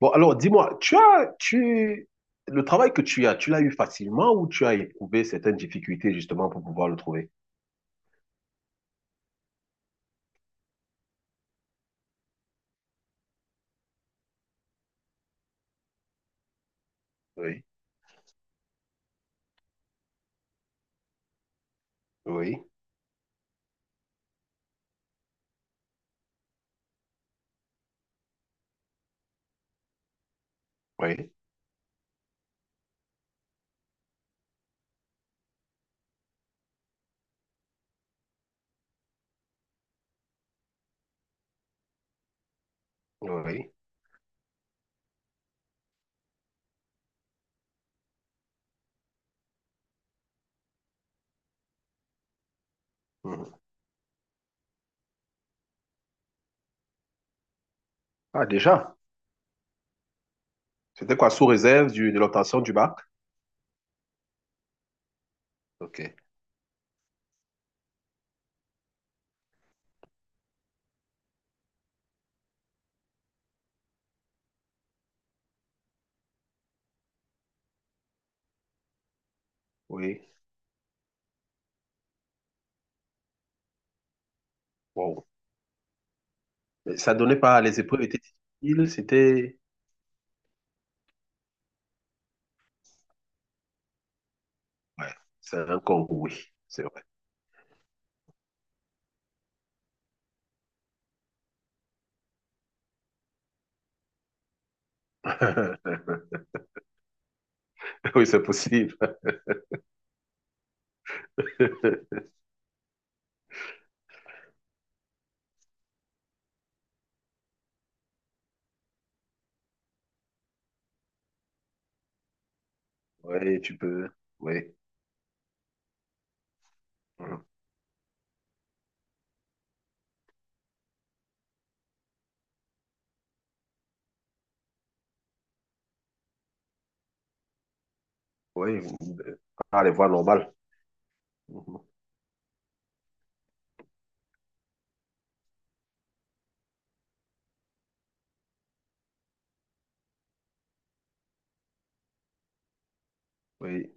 Bon, alors dis-moi, le travail que tu as, tu l'as eu facilement ou tu as éprouvé certaines difficultés justement pour pouvoir le trouver? Oui, oui, oui, oui. Mhm. Ah, déjà, c'était quoi, de l'obtention du bac? Ok, oui. Wow. Mais ça donnait pas, les épreuves étaient difficiles, c'était... Ouais, c'est un concours, oui, c'est vrai. Oui, c'est possible. Oui, tu peux. Oui. Mhm. Oui, vous- euh, ah, les voies normales. Mhm. Oui.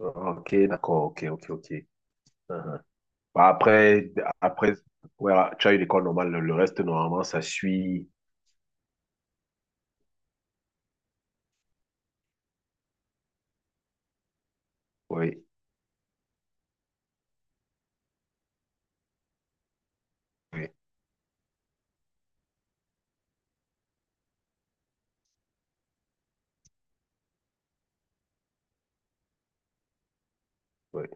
Ah, ok, d'accord, ok, ok, ok. Mhm. Bah, après, après ouais, tu as eu l'école normale, le reste, normalement, ça suit. Oui, oui, oui.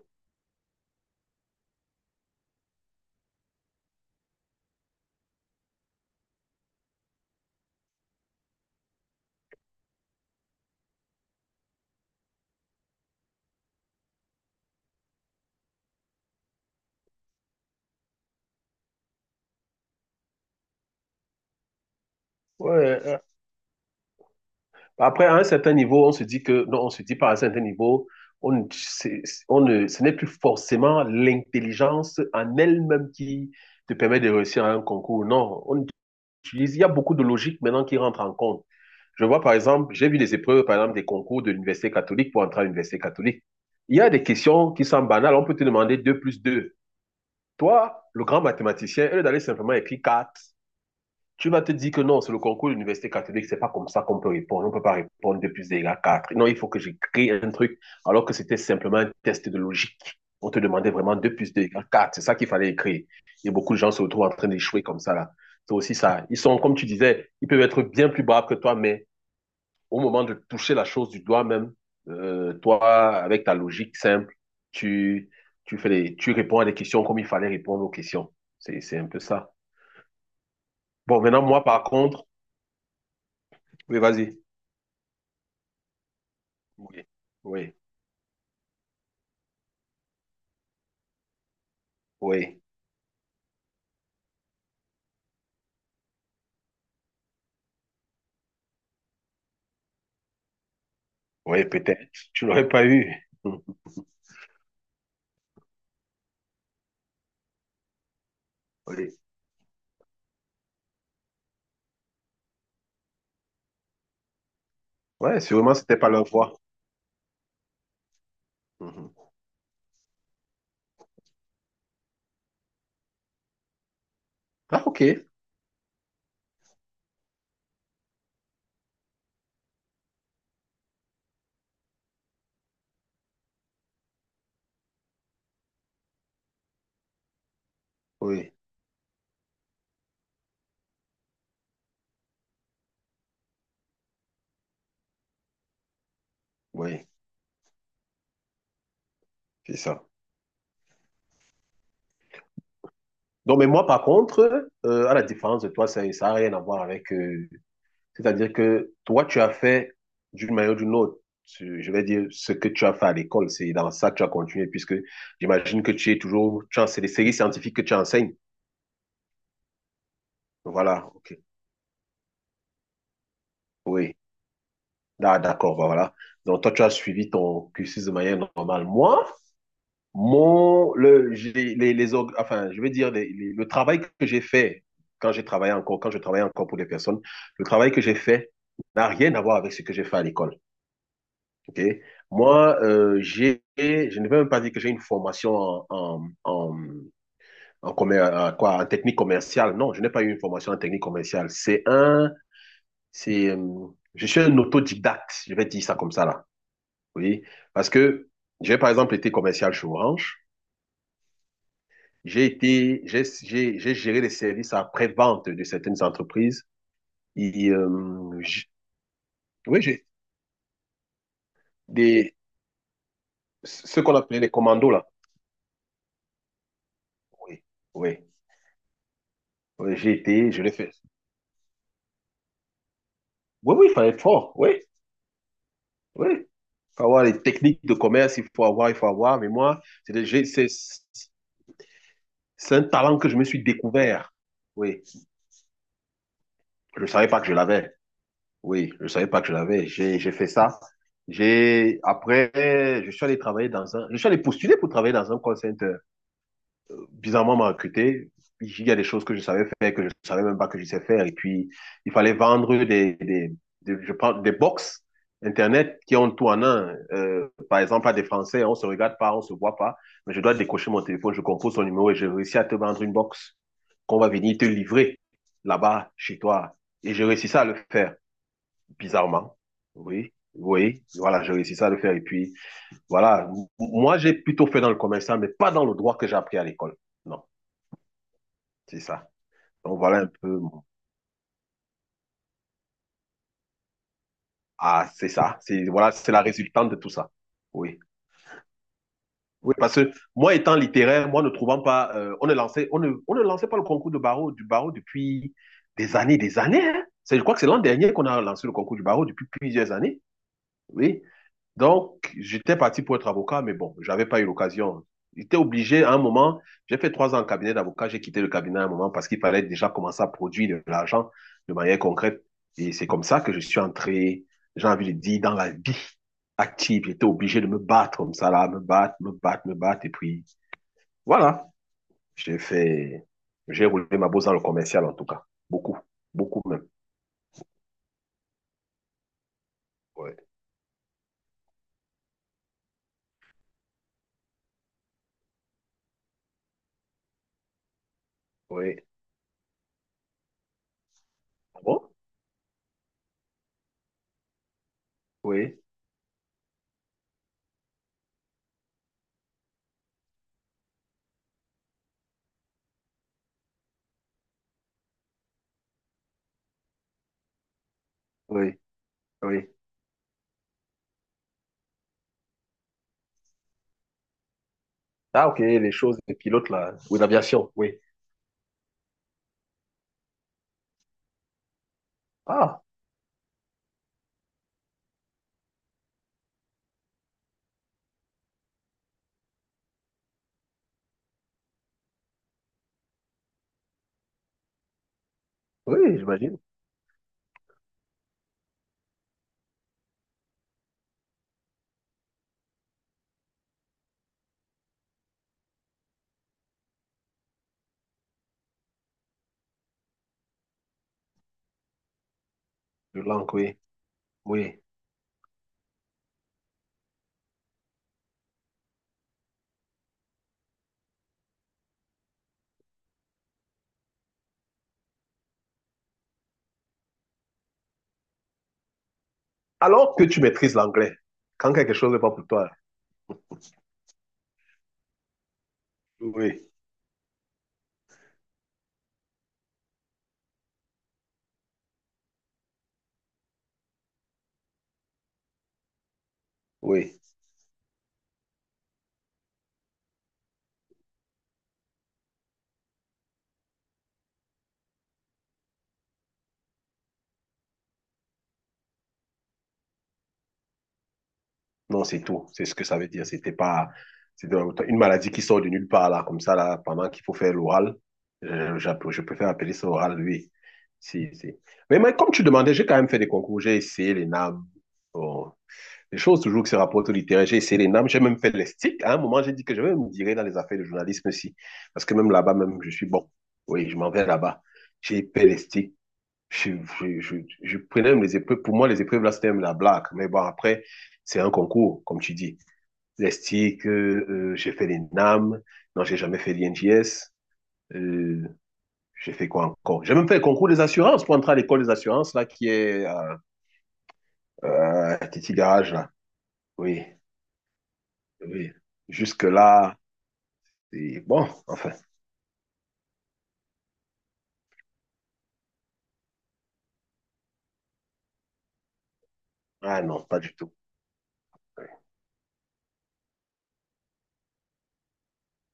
Ouais, euh, après, à un certain niveau, on se dit que, non, on se dit pas à un certain niveau, on, ne- c'est- on ne, ce n'est plus forcément l'intelligence en elle-même qui te permet de réussir à un concours. Non, il y a beaucoup de logique maintenant qui rentre en compte. Je vois par exemple, j'ai vu les épreuves, par exemple, des concours de l'université catholique pour entrer à l'université catholique. Il y a des questions qui sont banales. On peut te demander 2 plus 2. Toi, le grand mathématicien, au lieu d'aller simplement écrire quatre, tu vas te dire que non, c'est le concours de l'université catholique, c'est pas comme ça qu'on peut répondre. On peut pas répondre 2 plus 2 égale 4. Non, il faut que j'écris un truc, alors que c'était simplement un test de logique. On te demandait vraiment 2 plus 2 égale 4. C'est ça qu'il fallait écrire. Et beaucoup de gens se retrouvent en train d'échouer comme ça, là. C'est aussi ça. Ils sont, comme tu disais, ils peuvent être bien plus braves que toi, mais au moment de toucher la chose du doigt même, toi, avec ta logique simple, tu, tu réponds à des questions comme il fallait répondre aux questions. C'est un peu ça. Bon, maintenant, moi, par contre, oui, vas-y. Oui, oui, oui, oui, peut-être. Tu n'aurais pas eu. Mhm. Oui. Ouais, sûrement, c'était pas leur voix. Mhm. Ah, ok. Oui, oui, c'est ça. Non, mais moi, par contre, à la différence de toi, ça n'a rien à voir avec c'est-à-dire que toi, tu as fait d'une manière ou d'une autre, je vais dire, ce que tu as fait à l'école, c'est dans ça que tu as continué, puisque j'imagine que tu es toujours, tu en- c'est les séries scientifiques que tu enseignes. Voilà, ok. Oui, ah, d'accord, bah, voilà. Donc, toi, tu as suivi ton cursus de manière normale. Moi, mon, le, j'ai- les, org- enfin, je vais dire, le travail que j'ai fait quand je travaillais encore pour des personnes, le travail que j'ai fait n'a rien à voir avec ce que j'ai fait à l'école. Ok. Moi, je ne vais même pas dire que j'ai une formation en quoi, en technique commerciale. Non, je n'ai pas eu une formation en technique commerciale. C'est, euh, je suis un autodidacte, je vais dire ça comme ça là. Oui, parce que j'ai par exemple été commercial chez Orange. J'ai été, j'ai géré les services après-vente de certaines entreprises. Et, oui, des, ce qu'on appelait les commandos là. Oui, oui. Oui, j'ai été, je l'ai fait. Oui, oui, il fallait être fort. Oui, oui. Il faut avoir les techniques de commerce, il faut avoir. Mais moi, c'est des- j'ai- c'est un talent que je me suis découvert. Oui, je ne savais pas que je l'avais. Oui, je ne savais pas que je l'avais. J'ai fait ça. J'ai, après, je suis allé postuler pour travailler dans un call center, bizarrement m'a recruté. Il y a des choses que je savais faire, que je ne savais même pas que je sais faire. Et puis, il fallait vendre des box Internet qui ont tout en un. Par exemple, à des Français, on ne se regarde pas, on ne se voit pas. Mais je dois décocher mon téléphone, je compose son numéro et j'ai réussi à te vendre une box qu'on va venir te livrer là-bas, chez toi. Et j'ai réussi ça à le faire, bizarrement. Oui. Oui, voilà, j'ai réussi ça à le faire. Et puis, voilà, moi, j'ai plutôt fait dans le commerce, mais pas dans le droit que j'ai appris à l'école. Non, c'est ça. Donc voilà un peu. mon- Ah, c'est ça. C'est la résultante de tout ça. Oui. Oui, parce que moi étant littéraire, moi ne trouvant pas, on ne lançait pas le concours de barreau, du barreau depuis des années, des années, hein. Je crois que c'est l'an dernier qu'on a lancé le concours du barreau depuis plusieurs années. Oui. Donc, j'étais parti pour être avocat, mais bon, j'avais pas eu l'occasion. J'étais obligé à un moment, j'ai fait trois ans en cabinet d'avocat, j'ai quitté le cabinet à un moment parce qu'il fallait déjà commencer à produire de l'argent de manière concrète. Et c'est comme ça que je suis entré, j'ai envie de dire, dans la vie active. J'étais obligé de me battre comme ça, là, me battre. Et puis, voilà, j'ai fait, j'ai roulé ma bosse dans le commercial en tout cas. Beaucoup, beaucoup même. Oui, oui. Ah bon? Oui, oui, oui. Ah, ok, les choses de pilote, là. Oui, l'aviation, oui. Ah, oui, j'imagine. Le langue, oui, oui. Alors que tu maîtrises l'anglais, quand quelque chose n'est pas pour toi, oui, oui. Non, c'est tout. C'est ce que ça veut dire. C'était pas... C'était une maladie qui sort de nulle part, là, comme ça, là, pendant qu'il faut faire l'oral. Je préfère appeler ça oral, oui. Si, si. Mais comme tu demandais, j'ai quand même fait des concours. J'ai essayé les NAM. Bon, les choses toujours que ces rapports littéraires. J'ai essayé les NAM, j'ai même fait les sticks. À un moment, j'ai dit que je vais me virer dans les affaires de journalisme aussi. Parce que même là-bas, même, je suis bon. Oui, je m'en vais là-bas. J'ai fait les sticks. Je, je, je, je prenais même les épreuves. Pour moi, les épreuves, là, c'était même la blague. Mais bon, après, c'est un concours, comme tu dis. Les sticks, j'ai fait les NAM. Non, j'ai jamais fait l'INJS. Euh, j'ai fait quoi encore. J'ai même fait le concours des assurances pour entrer à l'école des assurances, là, qui est à Titi Garage, là. Oui, oui. Jusque-là, et bon, enfin. Ah non, pas du tout. Ouais,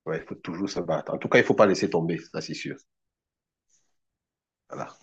ouais, il faut toujours se battre. En tout cas, il ne faut pas laisser tomber, ça c'est sûr. Voilà.